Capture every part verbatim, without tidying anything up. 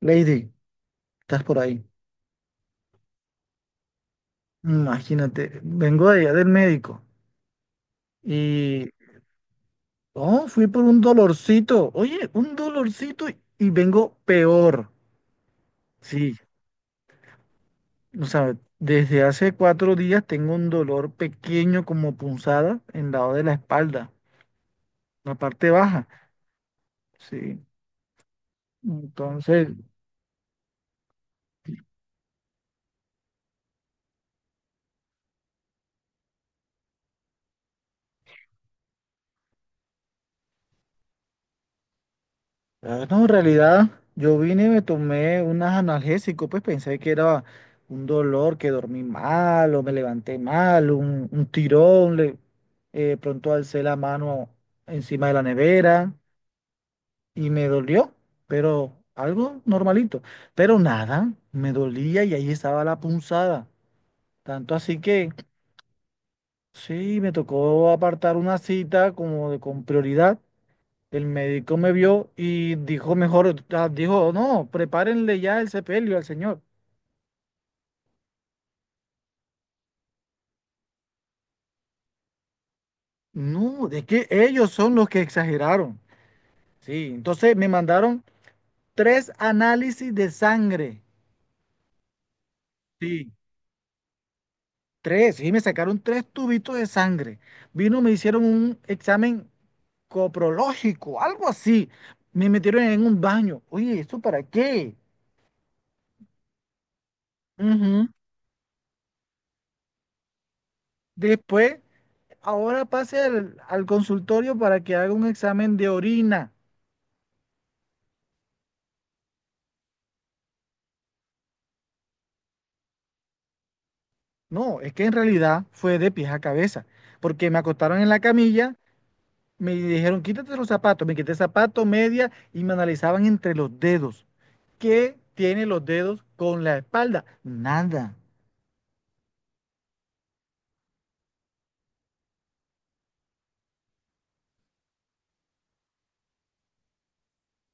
Lady, estás por ahí. Imagínate, vengo de allá del médico y oh, fui por un dolorcito. Oye, un dolorcito y, y vengo peor. Sí, o sea, desde hace cuatro días tengo un dolor pequeño como punzada en el lado de la espalda, la parte baja. Sí, entonces. Ah, no, en realidad yo vine y me tomé unas analgésicos, pues pensé que era un dolor, que dormí mal o me levanté mal, un, un tirón, le, eh, pronto alcé la mano encima de la nevera y me dolió, pero algo normalito, pero nada, me dolía y ahí estaba la punzada, tanto así que sí, me tocó apartar una cita como de, con prioridad. El médico me vio y dijo mejor, ah, dijo, no, prepárenle ya el sepelio al señor. No, es que ellos son los que exageraron. Sí, entonces me mandaron tres análisis de sangre. Sí, tres, sí, me sacaron tres tubitos de sangre. Vino, me hicieron un examen coprológico, algo así. Me metieron en un baño. Oye, ¿esto para qué? Ujú. Después, ahora pase al al consultorio para que haga un examen de orina. No, es que en realidad fue de pies a cabeza, porque me acostaron en la camilla, me dijeron, quítate los zapatos, me quité zapato, media y me analizaban entre los dedos. ¿Qué tiene los dedos con la espalda? Nada.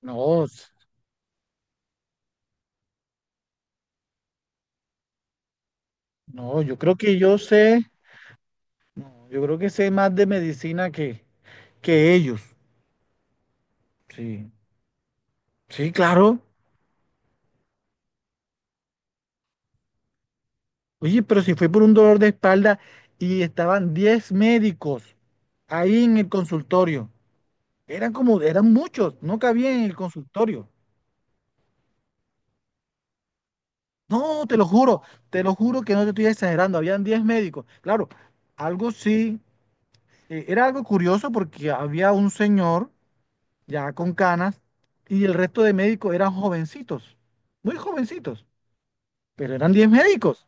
No, s- no, yo creo que yo sé, no, yo creo que sé más de medicina que, que ellos. Sí, sí, claro. Oye, pero si fue por un dolor de espalda y estaban diez médicos ahí en el consultorio. Eran como, eran muchos, no cabía en el consultorio. No, te lo juro, te lo juro que no te estoy exagerando, habían diez médicos. Claro, algo sí, eh, era algo curioso porque había un señor ya con canas y el resto de médicos eran jovencitos, muy jovencitos, pero eran diez médicos.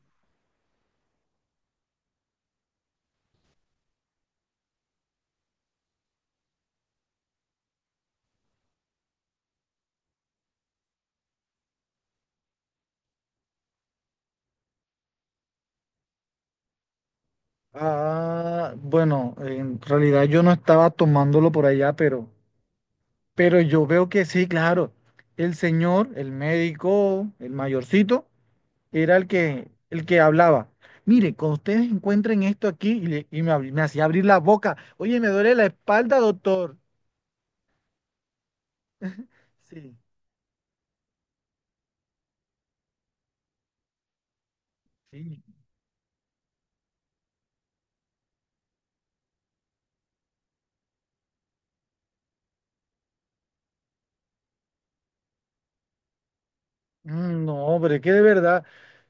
Ah, bueno, en realidad yo no estaba tomándolo por allá, pero, pero yo veo que sí, claro, el señor, el médico, el mayorcito era el que, el que hablaba. Mire, cuando ustedes encuentren esto aquí, y, le- y me, abrí- me hacía abrir la boca. Oye, me duele la espalda, doctor. Sí, sí. Mm, no, hombre, que de verdad.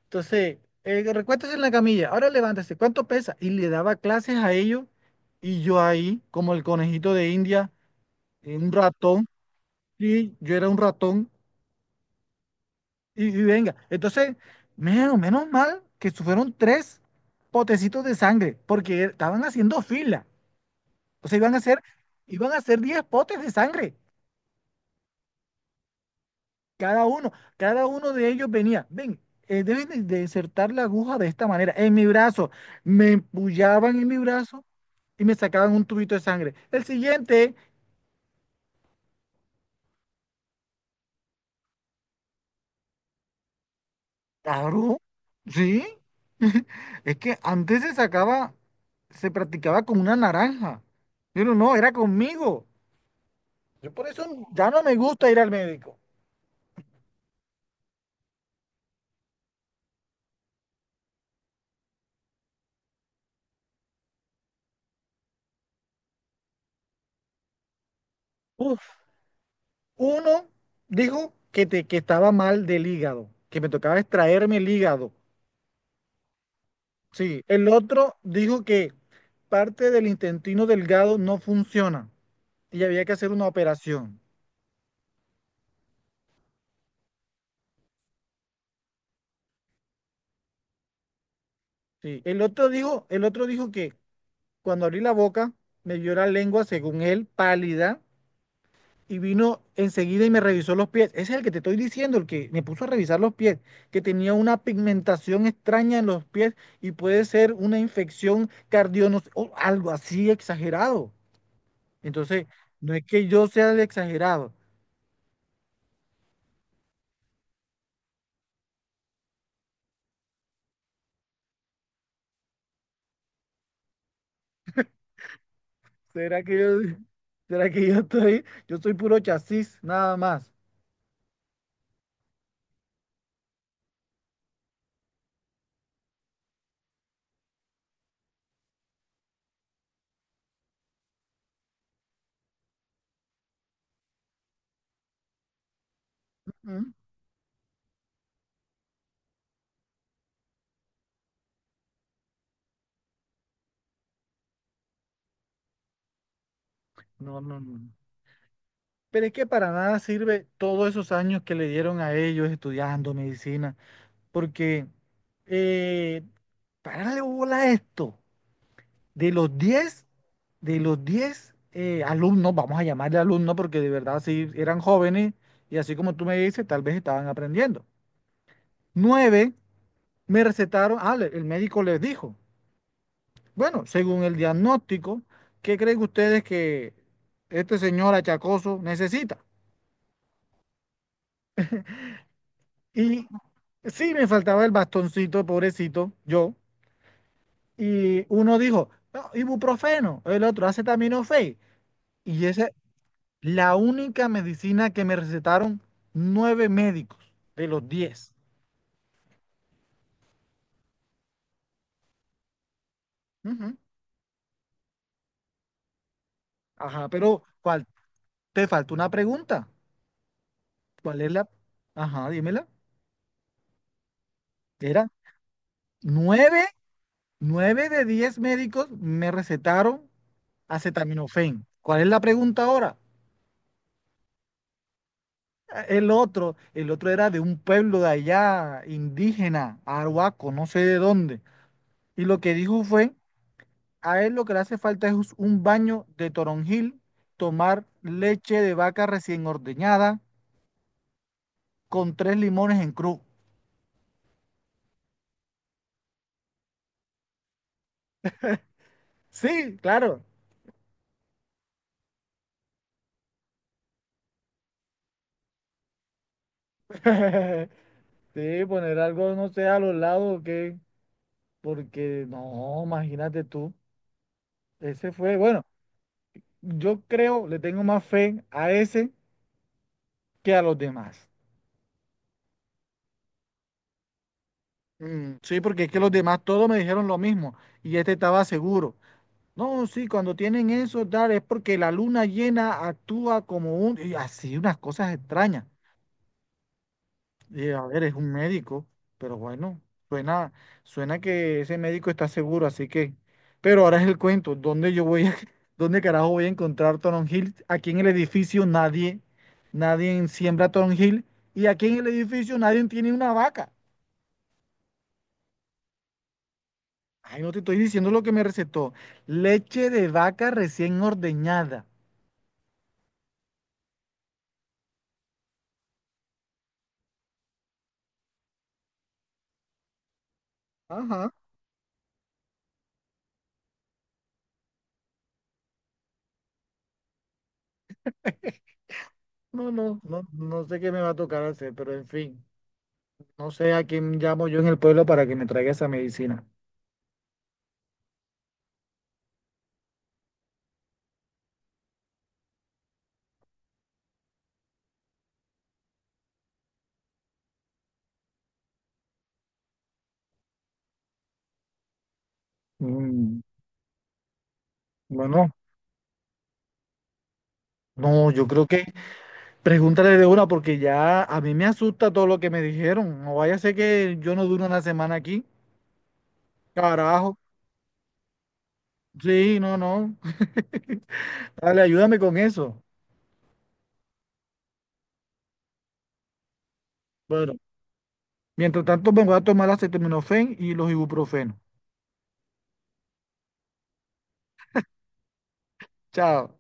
Entonces, eh, recuéstese en la camilla, ahora levántese, ¿cuánto pesa? Y le daba clases a ellos, y yo ahí, como el conejito de India, eh, un ratón, y yo era un ratón, y, y venga. Entonces, menos, menos mal que fueron tres potecitos de sangre, porque estaban haciendo fila. O sea, iban a ser, iban a ser diez potes de sangre, cada uno. Cada uno de ellos venía, ven, eh, deben de, de insertar la aguja de esta manera, en mi brazo. Me empullaban en mi brazo y me sacaban un tubito de sangre. El siguiente, claro, sí. Es que antes se sacaba, se practicaba con una naranja. Pero no, era conmigo. Yo por eso ya no me gusta ir al médico. Uf. Uno dijo que, te, que estaba mal del hígado, que me tocaba extraerme el hígado. Sí, el otro dijo que parte del intestino delgado no funciona y había que hacer una operación. Sí, el otro dijo, el otro dijo que cuando abrí la boca me vio la lengua, según él, pálida y vino enseguida y me revisó los pies. Ese es el que te estoy diciendo, el que me puso a revisar los pies, que tenía una pigmentación extraña en los pies y puede ser una infección cardionos o algo así exagerado. Entonces, no es que yo sea el exagerado. ¿Será que yo, será que yo estoy, yo soy puro chasis, nada más? ¿Mm? No, no, no. Pero es que para nada sirve todos esos años que le dieron a ellos estudiando medicina. Porque eh, pararle bola a esto, de los diez, de los diez eh, alumnos, vamos a llamarle alumnos porque de verdad sí eran jóvenes y así como tú me dices, tal vez estaban aprendiendo. Nueve me recetaron, ah, le- el médico les dijo, bueno, según el diagnóstico, ¿qué creen ustedes que este señor achacoso necesita? Y sí, me faltaba el bastoncito, pobrecito, yo. Y uno dijo, "No, ibuprofeno", el otro acetaminofén. Y esa es la única medicina que me recetaron nueve médicos de los diez. Ujú. Ajá, pero ¿cuál? Te faltó una pregunta. ¿Cuál es la? Ajá, dímela. Era nueve, nueve de diez médicos me recetaron acetaminofén. ¿Cuál es la pregunta ahora? El otro, el otro era de un pueblo de allá, indígena, arhuaco, no sé de dónde. Y lo que dijo fue, a él lo que le hace falta es un baño de toronjil, tomar leche de vaca recién ordeñada con tres limones en cruz. Sí, claro. Sí, poner algo, no sé, a los lados, que, porque no, imagínate tú. Ese fue, bueno, yo creo, le tengo más fe a ese que a los demás. Mm, sí, porque es que los demás todos me dijeron lo mismo y este estaba seguro. No, sí, cuando tienen eso, Dar, es porque la luna llena actúa como un... Y así, unas cosas extrañas. Y, a ver, es un médico, pero bueno, suena, suena que ese médico está seguro, así que... Pero ahora es el cuento, ¿dónde yo voy a...? ¿Dónde carajo voy a encontrar Toron Hill? Aquí en el edificio nadie, nadie siembra Toron Hill y aquí en el edificio nadie tiene una vaca. Ay, no te estoy diciendo lo que me recetó. Leche de vaca recién ordeñada. Ajá. No, no, no, no sé qué me va a tocar hacer, pero en fin, no sé a quién llamo yo en el pueblo para que me traiga esa medicina. Mm, bueno, no, yo creo que pregúntale de una porque ya a mí me asusta todo lo que me dijeron. No vaya a ser que yo no dure una semana aquí. Carajo. Sí, no, no. Dale, ayúdame con eso. Bueno, mientras tanto me voy a tomar la acetaminofén y los ibuprofenos. Chao.